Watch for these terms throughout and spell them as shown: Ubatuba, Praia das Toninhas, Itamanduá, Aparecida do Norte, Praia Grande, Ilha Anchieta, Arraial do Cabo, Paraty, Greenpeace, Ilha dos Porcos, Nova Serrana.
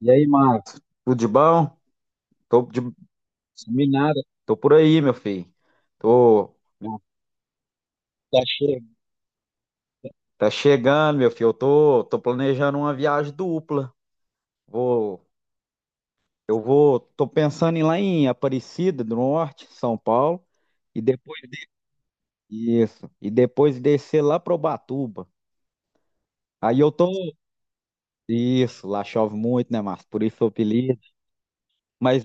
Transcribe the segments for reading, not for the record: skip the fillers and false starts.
E aí, Marcos? Tudo de bom? Tô, de- Sumi nada. Tô por aí, meu filho. Tô, Marcos. Tá cheio. Tá chegando, meu filho. Eu tô planejando uma viagem dupla. Vou, tô pensando em ir lá em Aparecida do Norte, São Paulo, e depois isso, e depois descer lá para Ubatuba. Aí eu tô, isso, lá chove muito, né, Márcio? Por isso o apelido. Mas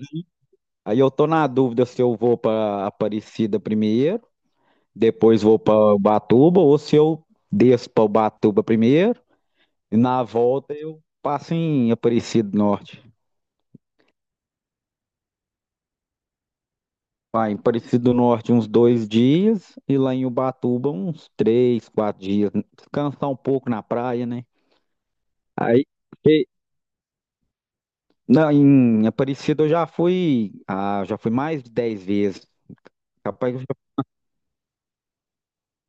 aí eu tô na dúvida se eu vou para Aparecida primeiro, depois vou para Ubatuba, ou se eu desço para Ubatuba primeiro, e na volta eu passo em Aparecido do Norte. Vai, em Aparecido do Norte uns 2 dias, e lá em Ubatuba uns 3, 4 dias. Descansar um pouco na praia, né? Aí, e- não, em Aparecida eu já fui mais de 10 vezes. Capaz que eu já-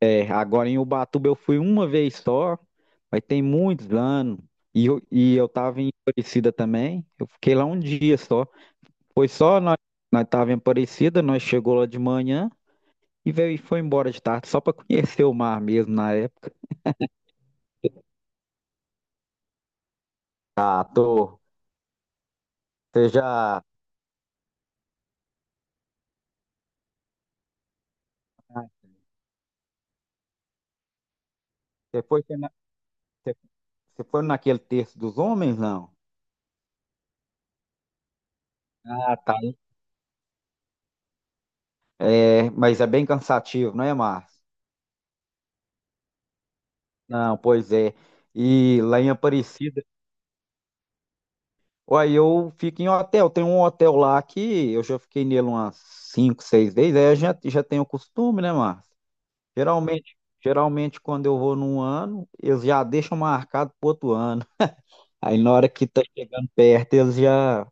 é, agora em Ubatuba eu fui uma vez só, mas tem muitos anos. E eu tava em Aparecida também. Eu fiquei lá um dia só. Foi só nós, nós tava em Aparecida, nós chegou lá de manhã e veio e foi embora de tarde, só para conhecer o mar mesmo na época. Ah, tô. Você já. Você foi, na- você você foi naquele terço dos homens, não? Ah, tá. É, mas é bem cansativo, não é, Márcio? Não, pois é. E lá em Aparecida, uai, eu fico em hotel. Tem um hotel lá que eu já fiquei nele umas 5, 6 vezes. Aí eu já tenho o costume, né, Márcio? Geralmente, geralmente, quando eu vou num ano, eles já deixam marcado pro outro ano. Aí na hora que tá chegando perto, eles já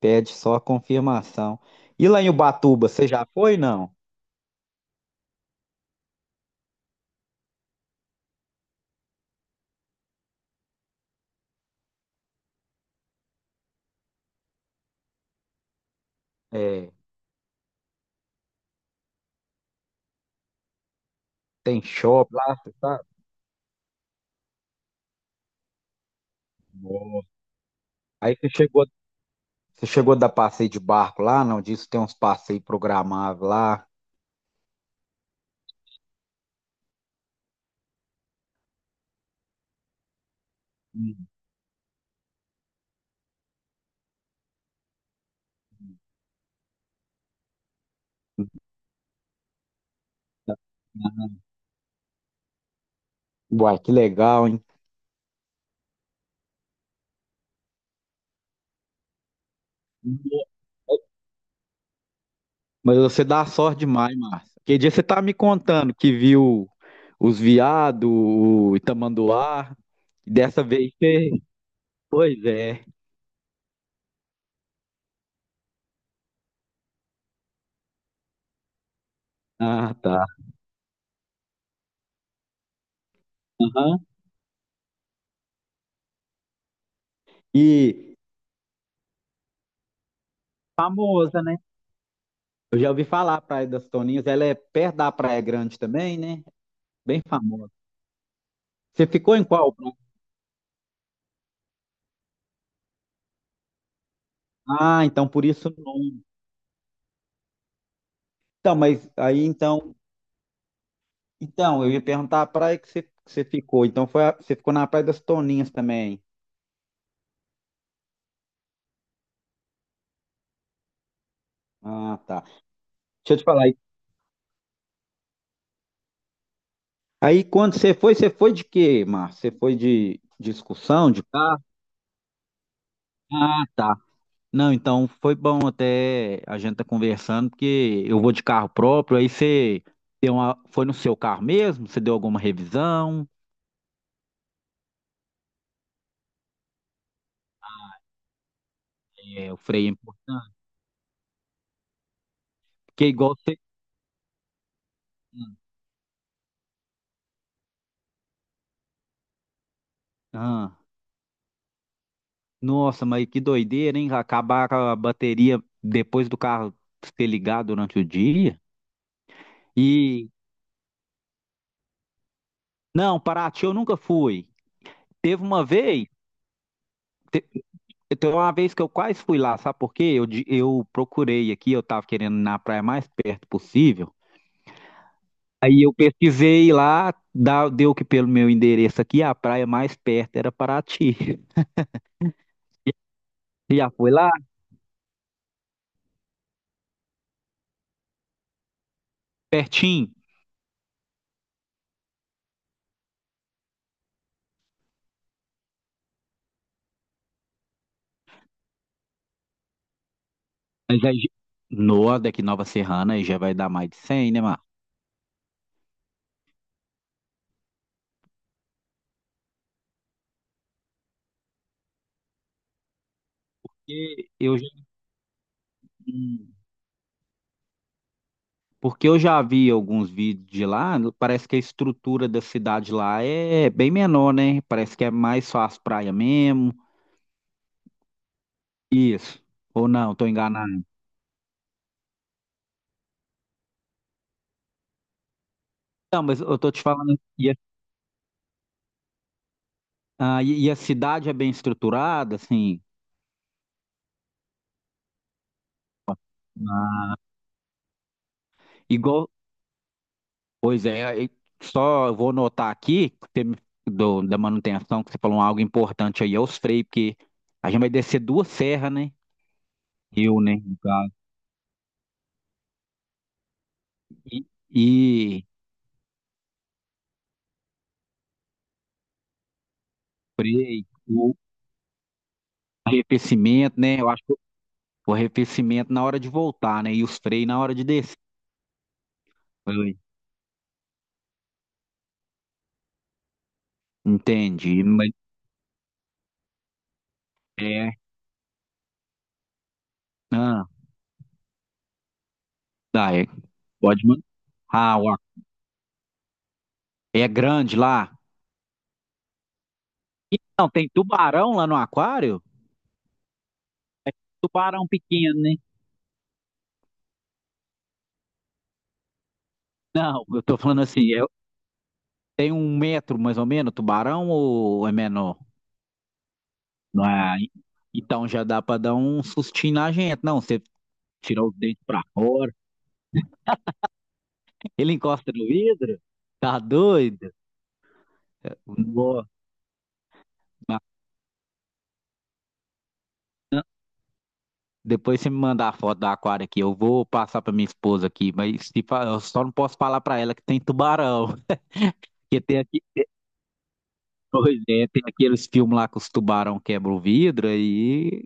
pedem só a confirmação. E lá em Ubatuba, você já foi, não? É, tem shopping lá, você sabe? Nossa. Aí você chegou a dar passeio de barco lá, não? Diz tem uns passeios programáveis lá. Hum. Uai, que legal, hein? Mas você dá sorte demais, Márcio. Que dia você tá me contando que viu os viados, o Itamanduá? E dessa vez você. Pois é. Ah, tá. Aham. E famosa, né? Eu já ouvi falar a Praia das Toninhas. Ela é perto da Praia Grande também, né? Bem famosa. Você ficou em qual praia? Ah, então por isso o nome. Então, mas aí então. Então, eu ia perguntar a praia que você ficou. Você ficou na Praia das Toninhas também? Ah, tá. Deixa eu te falar. Aí quando você foi de quê, Márcio? Você foi de excursão, de carro? Ah, tá. Não, então foi bom até a gente tá conversando, porque eu vou de carro próprio, aí você deu uma, foi no seu carro mesmo? Você deu alguma revisão? É, o freio é importante. Porque igual você. Ah, nossa, mas que doideira, hein? Acabar com a bateria depois do carro ser ligado durante o dia. E. Não, Paraty eu nunca fui. Teve uma vez. Então, uma vez que eu quase fui lá, sabe por quê? Eu procurei aqui, eu tava querendo ir na praia mais perto possível. Aí eu pesquisei lá, deu que pelo meu endereço aqui, a praia mais perto era Paraty. Você já foi lá? Pertinho? Mas aí, no, daqui Nova Serrana, aí já vai dar mais de 100, né, Mar? Porque eu, já- hum, porque eu já vi alguns vídeos de lá, parece que a estrutura da cidade lá é bem menor, né? Parece que é mais só as praias mesmo. Isso. Ou não, tô enganado. Não, mas eu tô te falando, e a cidade é bem estruturada, assim. Ah, igual, pois é, e só eu vou notar aqui, que você da manutenção, que você falou algo importante aí, é os freios, porque a gente vai descer duas serras, né? Rio, né, no caso, e, e freio, o arrefecimento, né, eu acho que o arrefecimento na hora de voltar, né, e os freios na hora de descer. Oi, entendi, mas é, ah, tá, é, pode mandar. Ah, ó, é grande lá. Não tem tubarão lá no aquário? Tubarão pequeno, né? Não, eu tô falando assim, tem 1 metro mais ou menos, tubarão ou é menor? Não é? Então já dá pra dar um sustinho na gente. Não, você tirou os dentes pra fora, ele encosta no vidro? Tá doido? Nó. Mas Depois você me mandar a foto do aquário aqui, eu vou passar pra minha esposa aqui, mas se fa- eu só não posso falar pra ela que tem tubarão. Porque tem aqui, pois é, tem aqueles filmes lá que os tubarão quebram o vidro aí.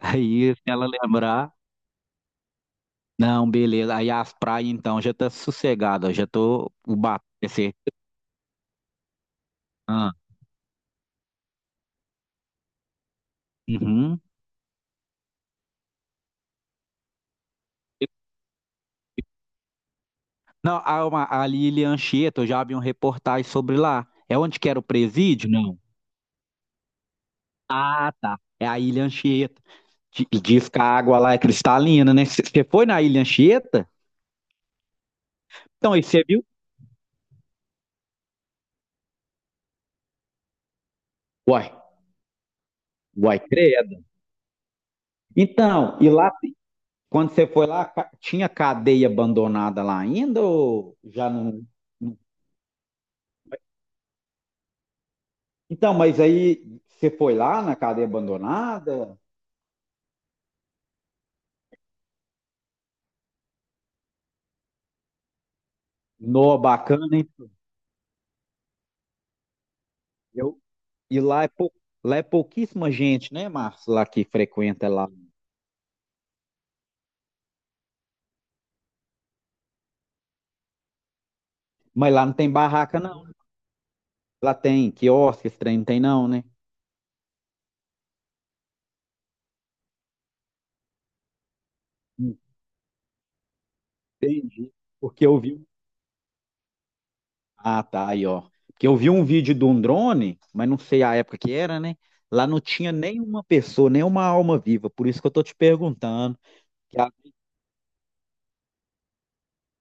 Aí, se ela lembrar, não, beleza. Aí as praias, então, já tá sossegada, ó, já tô, o bate vai ser. Ah. Uhum. Não, ali em Anchieta, eu já vi um reportagem sobre lá. É onde que era o presídio? Não. Ah, tá. É a Ilha Anchieta. Diz que a água lá é cristalina, né? Você foi na Ilha Anchieta? Então, aí você viu? Uai, uai, credo. Então, e lá, quando você foi lá, tinha cadeia abandonada lá ainda ou já não? Então, mas aí você foi lá na cadeia abandonada? No, bacana, hein? Eu, e lá é, pou, Lá é pouquíssima gente, né, Márcio, lá que frequenta lá. Mas lá não tem barraca, não, né? Lá tem quiosque, esse trem não tem, não, né? Entendi. Porque eu vi. Ah, tá, aí, ó. Porque eu vi um vídeo de um drone, mas não sei a época que era, né? Lá não tinha nenhuma pessoa, nenhuma alma viva. Por isso que eu tô te perguntando. Que a-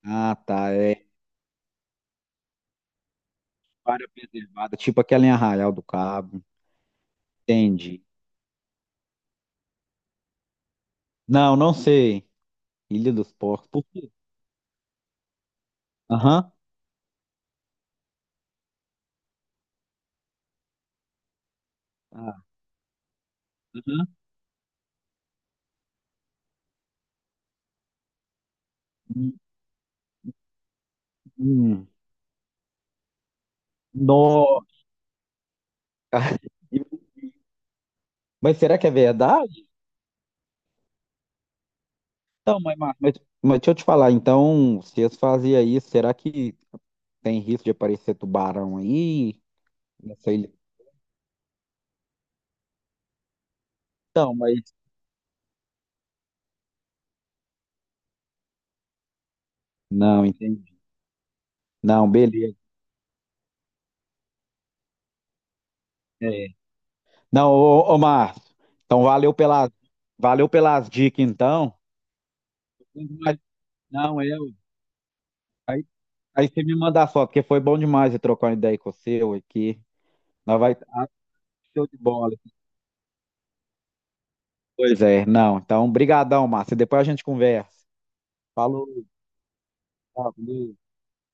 Ah, tá, é. Área preservada, tipo aquela em Arraial do Cabo. Entendi. Não, não sei. Ilha dos Porcos. Por quê? Aham. Ah, aham. Hum, hum. Nó. Mas será que é verdade? Então, mas deixa eu te falar, então, se eles faziam isso, será que tem risco de aparecer tubarão aí? Não sei. Então, mas. Não, entendi. Não, beleza. É. Não, ô Márcio, então valeu pelas dicas, então. Mas- Não, eu. Aí você me manda a foto, porque foi bom demais eu trocar uma ideia com você ué, aqui. Nós vai, show de bola. Pois é, não. Então, brigadão, Márcio. Depois a gente conversa. Falou. Tchau, com